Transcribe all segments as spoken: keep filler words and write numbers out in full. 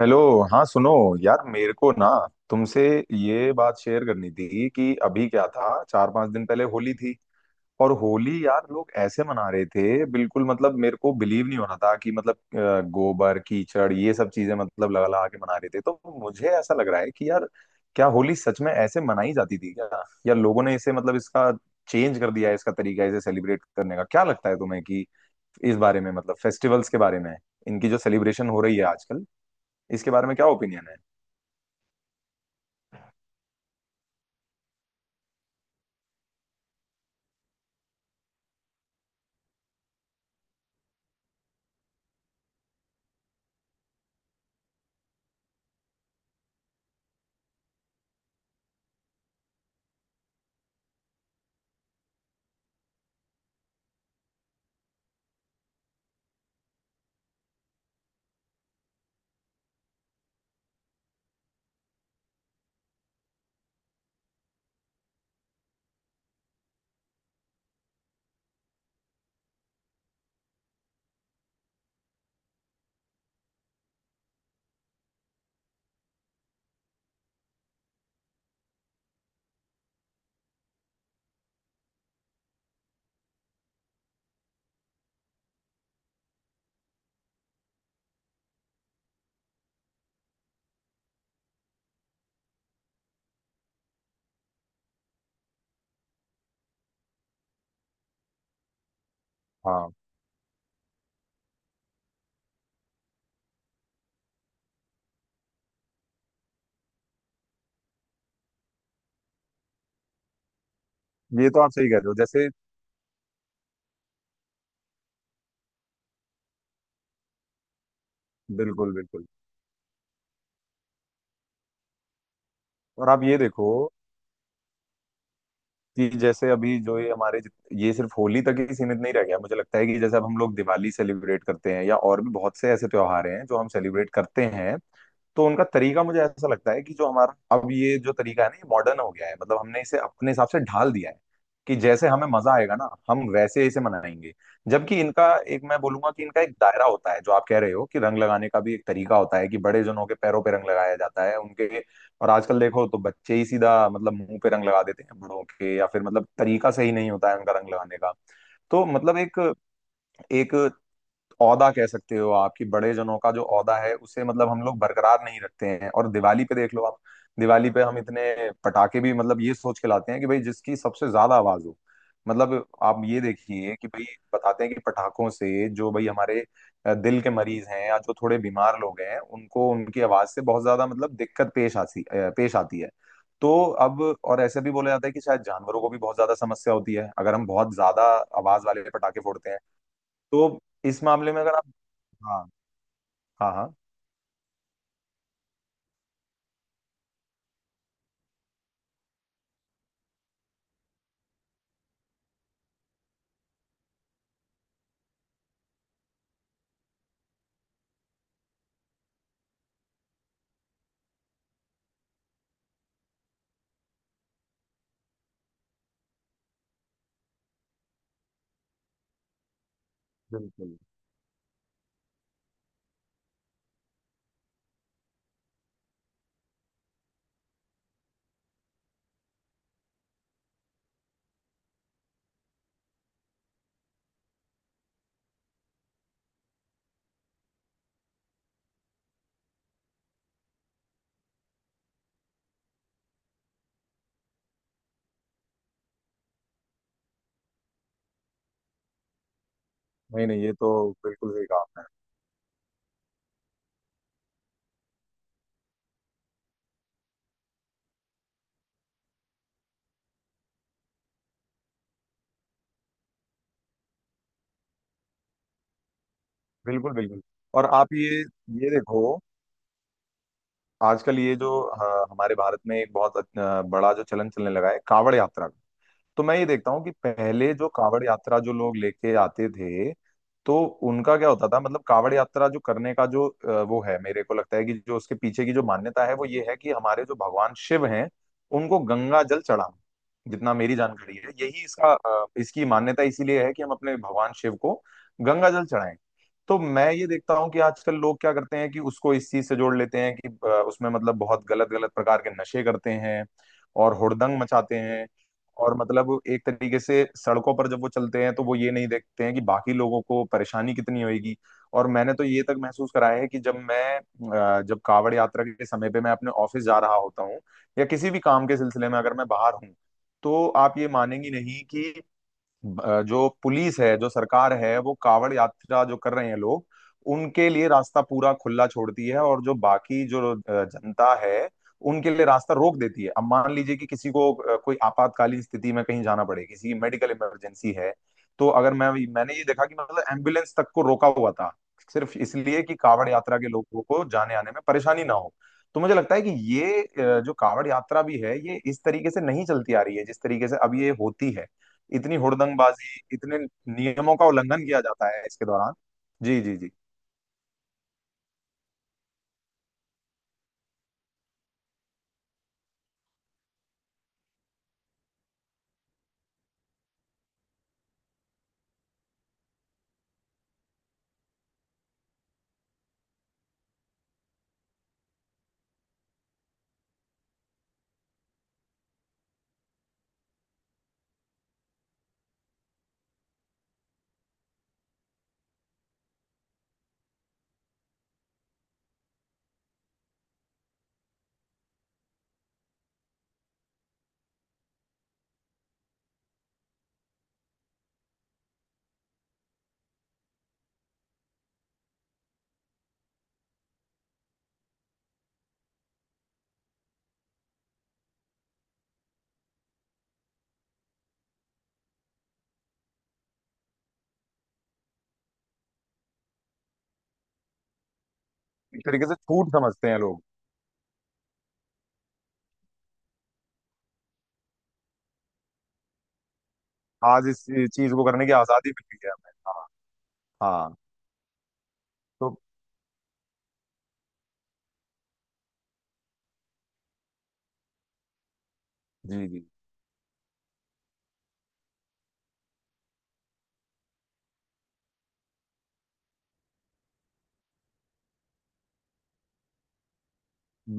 Hello. हाँ सुनो, यार मेरे को ना तुमसे ये बात शेयर करनी थी कि अभी क्या था, चार पांच दिन पहले होली थी। और होली यार लोग ऐसे मना रहे थे, बिल्कुल मतलब मेरे को बिलीव नहीं हो रहा था कि मतलब अ, गोबर कीचड़ ये सब चीजें मतलब लगा लगा के मना रहे थे। तो मुझे ऐसा लग रहा है कि यार क्या होली सच में ऐसे मनाई जाती थी क्या, या लोगों ने इसे मतलब इसका चेंज कर दिया है, इसका तरीका इसे सेलिब्रेट करने का। क्या लगता है तुम्हें कि इस बारे में मतलब फेस्टिवल्स के बारे में, इनकी जो सेलिब्रेशन हो रही है आजकल, इसके बारे में क्या ओपिनियन है। हाँ, ये तो आप सही कह रहे हो। जैसे बिल्कुल बिल्कुल। और आप ये देखो कि जैसे अभी जो ये हमारे जित- ये सिर्फ होली तक ही सीमित नहीं रह गया। मुझे लगता है कि जैसे अब हम लोग दिवाली सेलिब्रेट करते हैं या और भी बहुत से ऐसे त्योहार हैं जो हम सेलिब्रेट करते हैं, तो उनका तरीका मुझे ऐसा लगता है कि जो हमारा अब ये जो तरीका है ना, ये मॉडर्न हो गया है। मतलब हमने इसे अपने हिसाब से ढाल दिया है कि जैसे हमें मजा आएगा ना हम वैसे इसे मनाएंगे। जबकि इनका एक, मैं बोलूंगा कि इनका एक दायरा होता है। जो आप कह रहे हो कि रंग लगाने का भी एक तरीका होता है कि बड़े जनों के पैरों पे रंग लगाया जाता है उनके। और आजकल देखो तो बच्चे ही सीधा मतलब मुंह पे रंग लगा देते हैं बड़ों के, या फिर मतलब तरीका सही नहीं होता है उनका रंग लगाने का। तो मतलब एक एक औदा कह सकते हो आपकी, बड़े जनों का जो औदा है उसे मतलब हम लोग बरकरार नहीं रखते हैं। और दिवाली पे देख लो आप, दिवाली पे हम इतने पटाखे भी मतलब ये सोच के लाते हैं कि भाई जिसकी सबसे ज्यादा आवाज हो। मतलब आप ये देखिए कि भाई बताते हैं कि पटाखों से जो भाई हमारे अ, दिल के मरीज हैं या जो थोड़े बीमार लोग हैं उनको उनकी आवाज से बहुत ज्यादा मतलब दिक्कत पेश आती पेश आती है। तो अब और ऐसे भी बोला जाता है कि शायद जानवरों को भी बहुत ज्यादा समस्या होती है अगर हम बहुत ज्यादा आवाज वाले पटाखे फोड़ते हैं। तो इस मामले में अगर आप, हाँ। हाँ हाँ बिल्कुल। नहीं नहीं, ये तो बिल्कुल सही कहा आपने। बिल्कुल बिल्कुल। और आप ये ये देखो, आजकल ये जो अ, हमारे भारत में एक बहुत अ, बड़ा जो चलन चलने लगा है कांवड़ यात्रा का। तो मैं ये देखता हूँ कि पहले जो कावड़ यात्रा जो लोग लेके आते थे तो उनका क्या होता था। मतलब कावड़ यात्रा जो करने का जो अ, वो है, मेरे को लगता है कि जो उसके पीछे की जो मान्यता है वो ये है कि हमारे जो भगवान शिव हैं उनको गंगा जल चढ़ाना। जितना मेरी जानकारी है यही इसका अ, इसकी मान्यता इसीलिए है कि हम अपने भगवान शिव को गंगा जल चढ़ाएं। तो मैं ये देखता हूँ कि आजकल लोग क्या करते हैं कि उसको इस चीज से जोड़ लेते हैं कि अ, उसमें मतलब बहुत गलत गलत प्रकार के नशे करते हैं और हुड़दंग मचाते हैं। और मतलब एक तरीके से सड़कों पर जब वो चलते हैं तो वो ये नहीं देखते हैं कि बाकी लोगों को परेशानी कितनी होगी। और मैंने तो ये तक महसूस कराया है कि जब मैं अ, जब कावड़ यात्रा के समय पे मैं अपने ऑफिस जा रहा होता हूँ या किसी भी काम के सिलसिले में अगर मैं बाहर हूँ, तो आप ये मानेंगी नहीं कि अ, जो पुलिस है जो सरकार है वो कावड़ यात्रा जो कर रहे हैं लोग, उनके लिए रास्ता पूरा खुला छोड़ती है। और जो बाकी जो अ, जनता है उनके लिए रास्ता रोक देती है। अब मान लीजिए कि किसी को अ, कोई आपातकालीन स्थिति में कहीं जाना पड़े, किसी की मेडिकल इमरजेंसी है, तो अगर मैं मैंने ये देखा कि मतलब एम्बुलेंस तक को रोका हुआ था सिर्फ इसलिए कि कावड़ यात्रा के लोगों को जाने आने में परेशानी ना हो। तो मुझे लगता है कि ये अ, जो कावड़ यात्रा भी है ये इस तरीके से नहीं चलती आ रही है जिस तरीके से अब ये होती है। इतनी हुड़दंगबाजी, इतने नियमों का उल्लंघन किया जाता है इसके दौरान। जी जी जी। एक तरीके से छूट समझते हैं लोग। आज इस चीज को करने की आजादी मिल गई है हमें। हाँ हाँ। तो जी जी।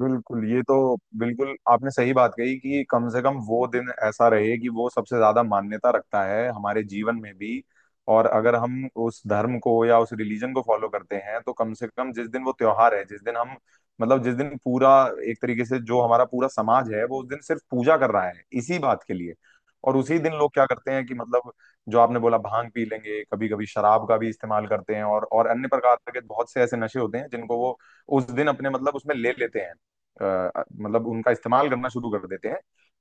बिल्कुल ये तो, बिल्कुल आपने सही बात कही कि कम से कम वो दिन ऐसा रहे कि वो सबसे ज्यादा मान्यता रखता है हमारे जीवन में भी। और अगर हम उस धर्म को या उस रिलीजन को फॉलो करते हैं तो कम से कम जिस दिन वो त्योहार है, जिस दिन हम मतलब जिस दिन पूरा एक तरीके से जो हमारा पूरा समाज है वो उस दिन सिर्फ पूजा कर रहा है इसी बात के लिए। और उसी दिन लोग क्या करते हैं कि मतलब जो आपने बोला भांग पी लेंगे, कभी कभी शराब का भी इस्तेमाल करते हैं और और अन्य प्रकार के बहुत से ऐसे नशे होते हैं जिनको वो उस दिन अपने मतलब उसमें ले लेते हैं। अ, मतलब उनका इस्तेमाल करना शुरू कर देते हैं।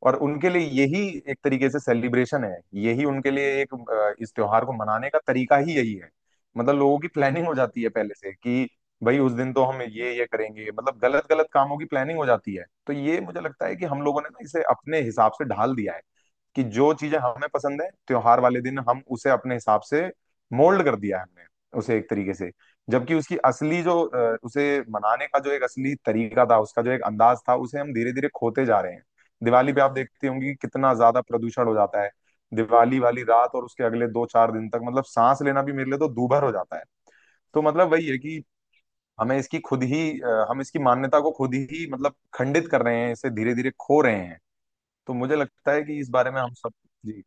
और उनके लिए यही एक तरीके से सेलिब्रेशन है। यही उनके लिए एक अ, इस त्योहार को मनाने का तरीका ही यही है। मतलब लोगों की प्लानिंग हो जाती है पहले से कि भाई उस दिन तो हम ये ये करेंगे, मतलब गलत गलत कामों की प्लानिंग हो जाती है। तो ये मुझे लगता है कि हम लोगों ने ना इसे अपने हिसाब से ढाल दिया है कि जो चीजें हमें पसंद है त्योहार वाले दिन हम उसे अपने हिसाब से मोल्ड कर दिया है हमने उसे एक तरीके से। जबकि उसकी असली जो अ, उसे मनाने का जो एक असली तरीका था, उसका जो एक अंदाज था, उसे हम धीरे धीरे खोते जा रहे हैं। दिवाली पे आप देखते होंगे कि कितना ज्यादा प्रदूषण हो जाता है दिवाली वाली रात और उसके अगले दो चार दिन तक। मतलब सांस लेना भी मेरे लिए तो दूभर हो जाता है। तो मतलब वही है कि हमें इसकी खुद ही अ, हम इसकी मान्यता को खुद ही मतलब खंडित कर रहे हैं, इसे धीरे धीरे खो रहे हैं। तो मुझे लगता है कि इस बारे में हम सब, जी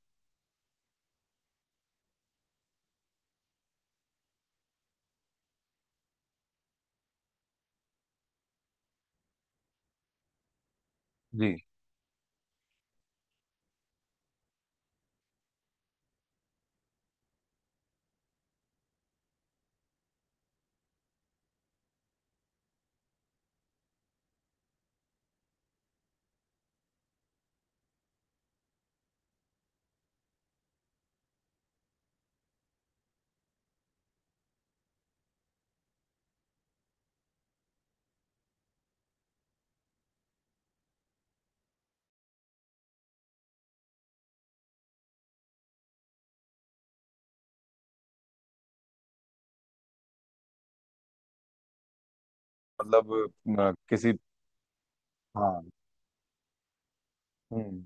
जी। मतलब अ, किसी, हाँ। हम्म।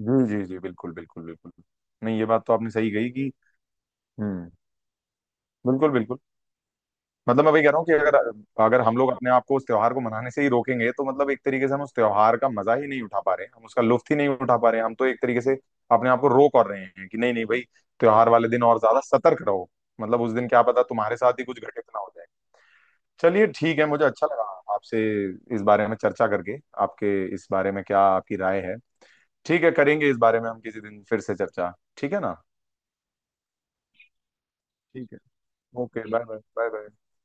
जी जी जी, बिल्कुल बिल्कुल बिल्कुल। नहीं, ये बात तो आपने सही कही कि, हम्म, बिल्कुल बिल्कुल। मतलब मैं वही कह रहा हूँ कि अगर अगर हम लोग अपने आप को उस त्योहार को मनाने से ही रोकेंगे तो मतलब एक तरीके से हम उस त्योहार का मजा ही नहीं उठा पा रहे हैं, हम उसका लुत्फ ही नहीं उठा पा रहे हैं। हम तो एक तरीके से अपने आप को रोक और रहे हैं कि नहीं नहीं भाई त्योहार वाले दिन और ज्यादा सतर्क रहो, मतलब उस दिन क्या पता तुम्हारे साथ ही कुछ घटित ना हो जाए। चलिए ठीक है, मुझे अच्छा लगा आपसे इस बारे में चर्चा करके। आपके इस बारे में क्या, आपकी राय है, ठीक है। करेंगे इस बारे में हम किसी दिन फिर से चर्चा, ठीक है ना। ठीक है। Okay, bye bye. Bye bye.